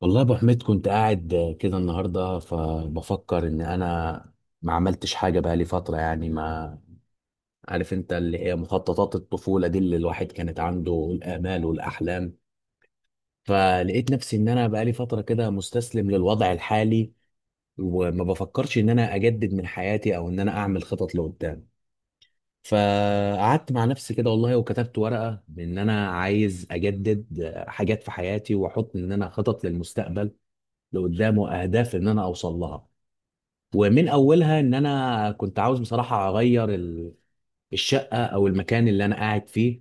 والله يا ابو حميد، كنت قاعد كده النهارده فبفكر ان انا ما عملتش حاجه بقى لي فتره، يعني ما عارف انت، اللي هي مخططات الطفوله دي اللي الواحد كانت عنده الامال والاحلام. فلقيت نفسي ان انا بقى لي فتره كده مستسلم للوضع الحالي، وما بفكرش ان انا اجدد من حياتي او ان انا اعمل خطط لقدام. فقعدت مع نفسي كده والله وكتبت ورقه ان انا عايز اجدد حاجات في حياتي، واحط ان انا خطط للمستقبل لقدام واهداف ان انا اوصل لها. ومن اولها ان انا كنت عاوز بصراحه اغير الشقه او المكان اللي انا قاعد فيه،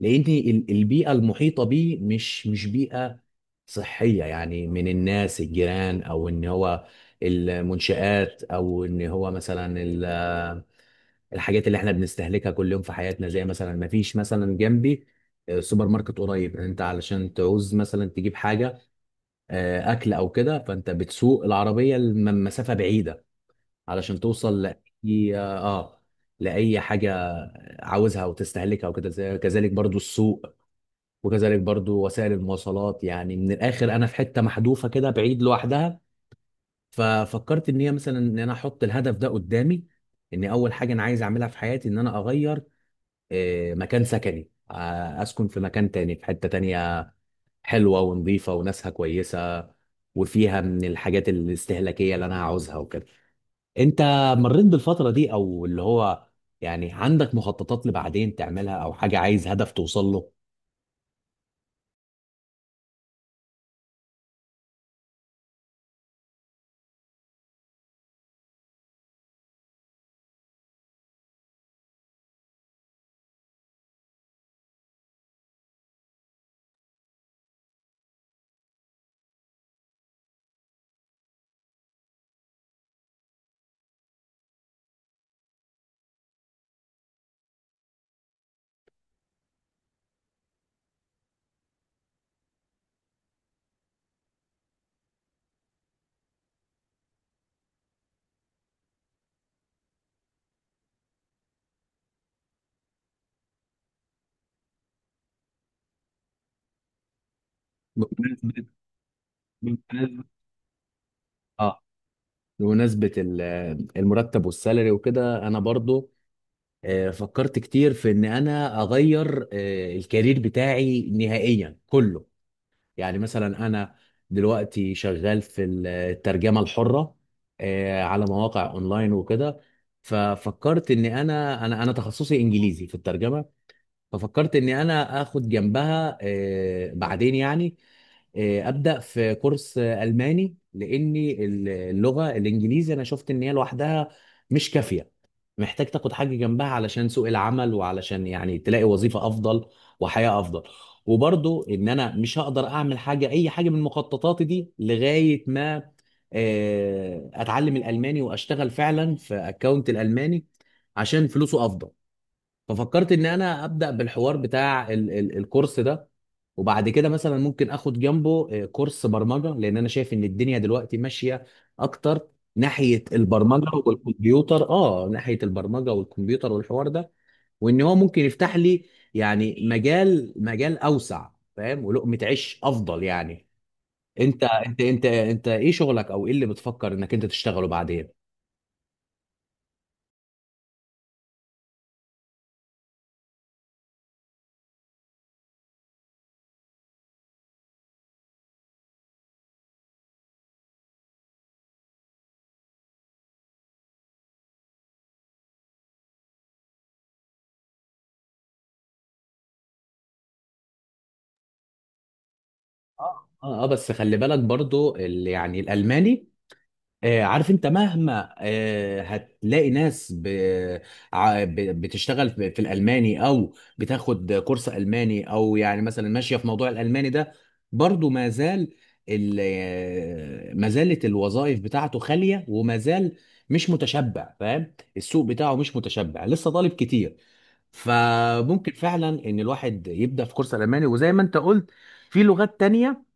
لان البيئه المحيطه بيه مش بيئه صحيه، يعني من الناس الجيران، او ان هو المنشآت، او ان هو مثلا الحاجات اللي احنا بنستهلكها كل يوم في حياتنا. زي مثلا ما فيش مثلا جنبي سوبر ماركت قريب انت، علشان تعوز مثلا تجيب حاجه اكل او كده، فانت بتسوق العربيه لمسافه بعيده علشان توصل لأي حاجة عاوزها وتستهلكها وكده. كذلك برضو السوق، وكذلك برضو وسائل المواصلات، يعني من الآخر أنا في حتة محذوفة كده بعيد لوحدها. ففكرت إن هي مثلا إن أنا أحط الهدف ده قدامي، إن أول حاجة أنا عايز أعملها في حياتي إن أنا أغير مكان سكني، أسكن في مكان تاني في حتة تانية حلوة ونظيفة وناسها كويسة، وفيها من الحاجات الاستهلاكية اللي أنا عاوزها وكده. انت مريت بالفترة دي او اللي هو يعني عندك مخططات لبعدين تعملها او حاجة عايز هدف توصل له؟ بمناسبة بمناسبة اه بمناسبة المرتب والسالري وكده انا برضو فكرت كتير في ان انا اغير الكارير بتاعي نهائيا كله. يعني مثلا انا دلوقتي شغال في الترجمة الحرة، على مواقع اونلاين وكده. ففكرت ان انا تخصصي انجليزي في الترجمة، ففكرت اني انا اخد جنبها بعدين يعني ابدا في كورس الماني، لاني اللغه الانجليزي انا شفت ان هي لوحدها مش كافيه. محتاج تاخد حاجه جنبها علشان سوق العمل، وعلشان يعني تلاقي وظيفه افضل وحياه افضل. وبرضو ان انا مش هقدر اعمل حاجه، اي حاجه من مخططاتي دي لغايه ما اتعلم الالماني واشتغل فعلا في اكونت الالماني عشان فلوسه افضل. ففكرت ان انا ابدا بالحوار بتاع ال ال الكورس ده. وبعد كده مثلا ممكن اخد جنبه كورس برمجه، لان انا شايف ان الدنيا دلوقتي ماشيه اكتر ناحيه البرمجه والكمبيوتر، والحوار ده وان هو ممكن يفتح لي يعني مجال اوسع، فاهم، ولقمه عيش افضل يعني. انت ايه شغلك، او ايه اللي بتفكر انك انت تشتغله بعدين؟ اه، اه، بس خلي بالك برضو يعني الالماني. عارف انت مهما هتلاقي ناس بتشتغل في الالماني او بتاخد كورس الماني، او يعني مثلا ماشيه في موضوع الالماني ده. برضو ما زال ال... آه، ما زالت الوظائف بتاعته خاليه وما زال مش متشبع، فاهم، السوق بتاعه مش متشبع لسه طالب كتير. فممكن فعلا ان الواحد يبدا في كورس الماني. وزي ما انت قلت، في لغات تانية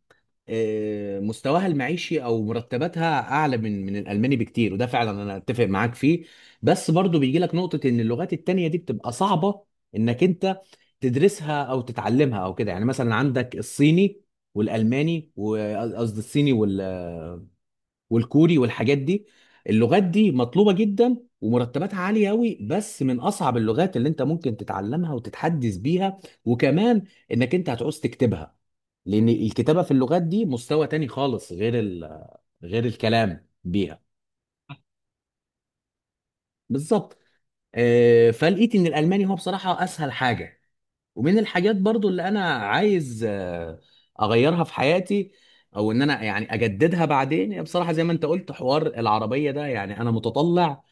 مستواها المعيشي او مرتباتها اعلى من الالماني بكتير، وده فعلا انا اتفق معاك فيه. بس برضو بيجي لك نقطة ان اللغات التانية دي بتبقى صعبة انك انت تدرسها او تتعلمها او كده. يعني مثلا عندك الصيني والالماني، وقصدي الصيني والكوري والحاجات دي. اللغات دي مطلوبة جدا ومرتباتها عالية قوي، بس من أصعب اللغات اللي أنت ممكن تتعلمها وتتحدث بيها. وكمان إنك أنت هتعوز تكتبها، لأن الكتابة في اللغات دي مستوى تاني خالص، غير غير الكلام بيها. بالظبط. فلقيت ان الالماني هو بصراحه اسهل حاجه، ومن الحاجات برضو اللي انا عايز اغيرها في حياتي او ان انا يعني اجددها بعدين. بصراحه زي ما انت قلت، حوار العربيه ده يعني انا متطلع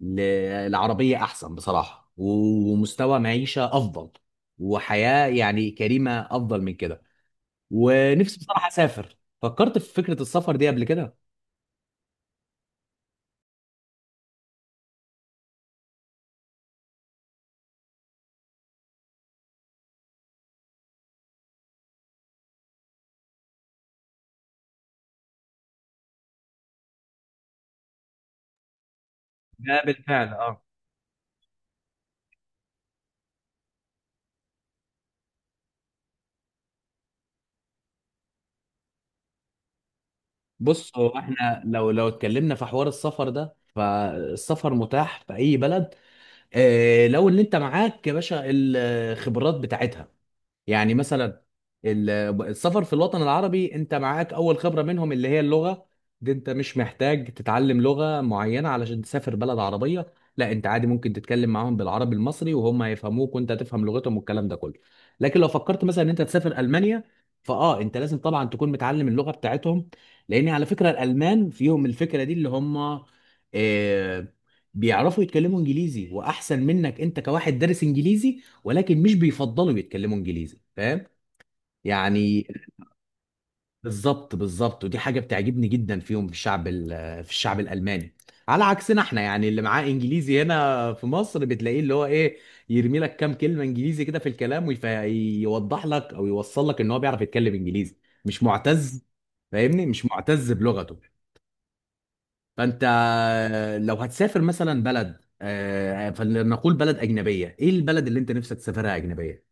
ل- العربية أحسن بصراحة، ومستوى معيشة أفضل، وحياة يعني كريمة أفضل من كده. ونفسي بصراحة أسافر. فكرت في فكرة السفر دي قبل كده؟ ده بالفعل اه. بص، هو احنا لو اتكلمنا في حوار السفر ده فالسفر متاح في أي بلد. اه، لو اللي أنت معاك يا باشا الخبرات بتاعتها. يعني مثلا ال- السفر في الوطن العربي، انت معاك اول خبرة منهم اللي هي اللغة. دي انت مش محتاج تتعلم لغة معينة علشان تسافر بلد عربية، لا انت عادي ممكن تتكلم معاهم بالعربي المصري وهم هيفهموك وانت هتفهم لغتهم والكلام ده كله. لكن لو فكرت مثلا ان انت تسافر المانيا، فاه انت لازم طبعا تكون متعلم اللغة بتاعتهم. لان على فكرة الالمان فيهم الفكرة دي اللي هم آه، بيعرفوا يتكلموا انجليزي واحسن منك، انت كواحد دارس انجليزي. ولكن مش بيفضلوا يتكلموا انجليزي، فاهم يعني. بالظبط بالظبط، ودي حاجه بتعجبني جدا فيهم، في الشعب في الشعب الالماني. على عكسنا احنا، يعني اللي معاه انجليزي هنا في مصر بتلاقيه اللي هو ايه، يرمي لك كام كلمه انجليزي كده في الكلام ويوضح لك او يوصل لك ان هو بيعرف يتكلم انجليزي، مش معتز، فاهمني، مش معتز بلغته. فانت لو هتسافر مثلا بلد فلنقول بلد اجنبيه، ايه البلد اللي انت نفسك تسافرها اجنبيه؟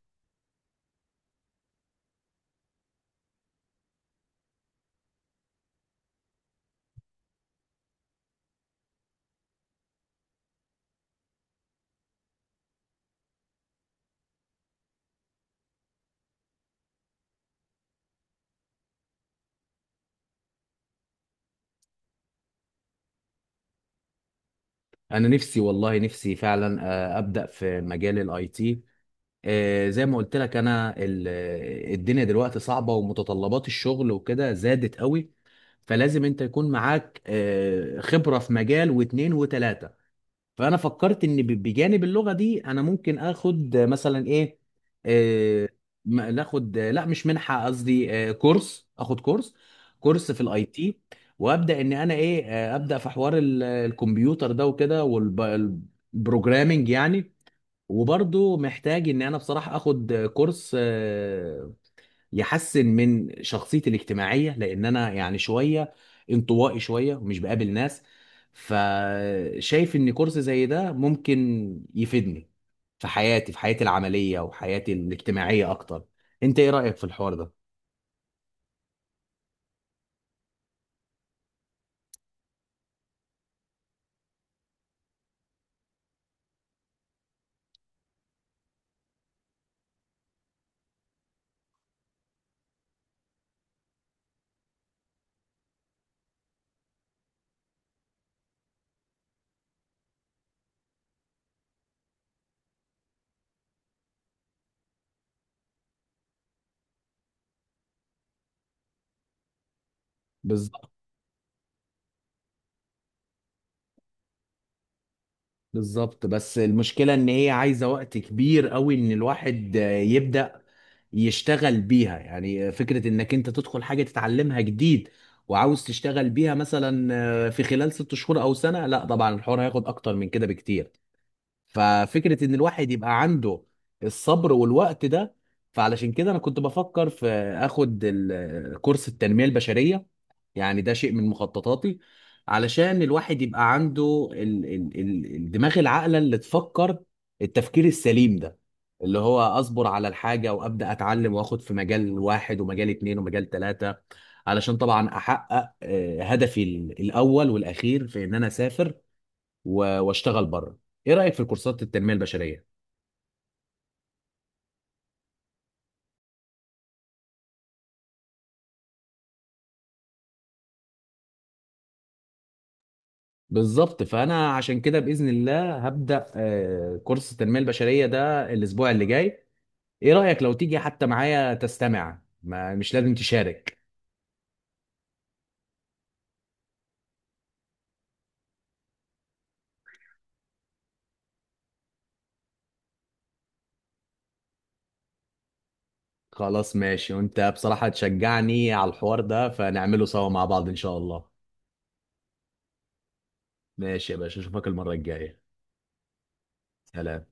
انا نفسي والله نفسي فعلا ابدا في مجال الاي تي. زي ما قلت لك انا، الدنيا دلوقتي صعبه ومتطلبات الشغل وكده زادت قوي، فلازم انت يكون معاك خبره في مجال واتنين وتلاته. فانا فكرت ان بجانب اللغه دي انا ممكن اخد مثلا ايه، آه، ناخد، لا مش منحه، قصدي كورس، اخد كورس كورس في الاي تي. وابدا ان انا ايه، ابدا في حوار الكمبيوتر ده وكده، والبروجرامنج يعني. وبرضو محتاج ان انا بصراحه اخد كورس يحسن من شخصيتي الاجتماعية، لأن أنا يعني شوية انطوائي شوية ومش بقابل ناس. فشايف إن كورس زي ده ممكن يفيدني في حياتي، في حياتي العملية وحياتي الاجتماعية أكتر. أنت إيه رأيك في الحوار ده؟ بالظبط. بس المشكلة ان هي عايزة وقت كبير قوي ان الواحد يبدأ يشتغل بيها. يعني فكرة انك انت تدخل حاجة تتعلمها جديد وعاوز تشتغل بيها مثلا في خلال 6 شهور او سنة، لا طبعا الحوار هياخد اكتر من كده بكتير. ففكرة ان الواحد يبقى عنده الصبر والوقت ده، فعلشان كده انا كنت بفكر في اخد كورس التنمية البشرية. يعني ده شيء من مخططاتي علشان الواحد يبقى عنده ال ال ال الدماغ العاقلة اللي تفكر، التفكير السليم ده، اللي هو اصبر على الحاجة وابدأ اتعلم واخد في مجال واحد ومجال اتنين ومجال تلاتة علشان طبعا احقق هدفي الاول والاخير في ان انا اسافر واشتغل بره. ايه رأيك في الكورسات التنمية البشرية؟ بالظبط. فانا عشان كده باذن الله هبدا كورس التنميه البشريه ده الاسبوع اللي جاي. ايه رأيك لو تيجي حتى معايا تستمع، ما مش لازم تشارك؟ خلاص ماشي. وانت بصراحة تشجعني على الحوار ده، فنعمله سوا مع بعض ان شاء الله. ماشي يا باشا، اشوفك المرة الجاية. سلام.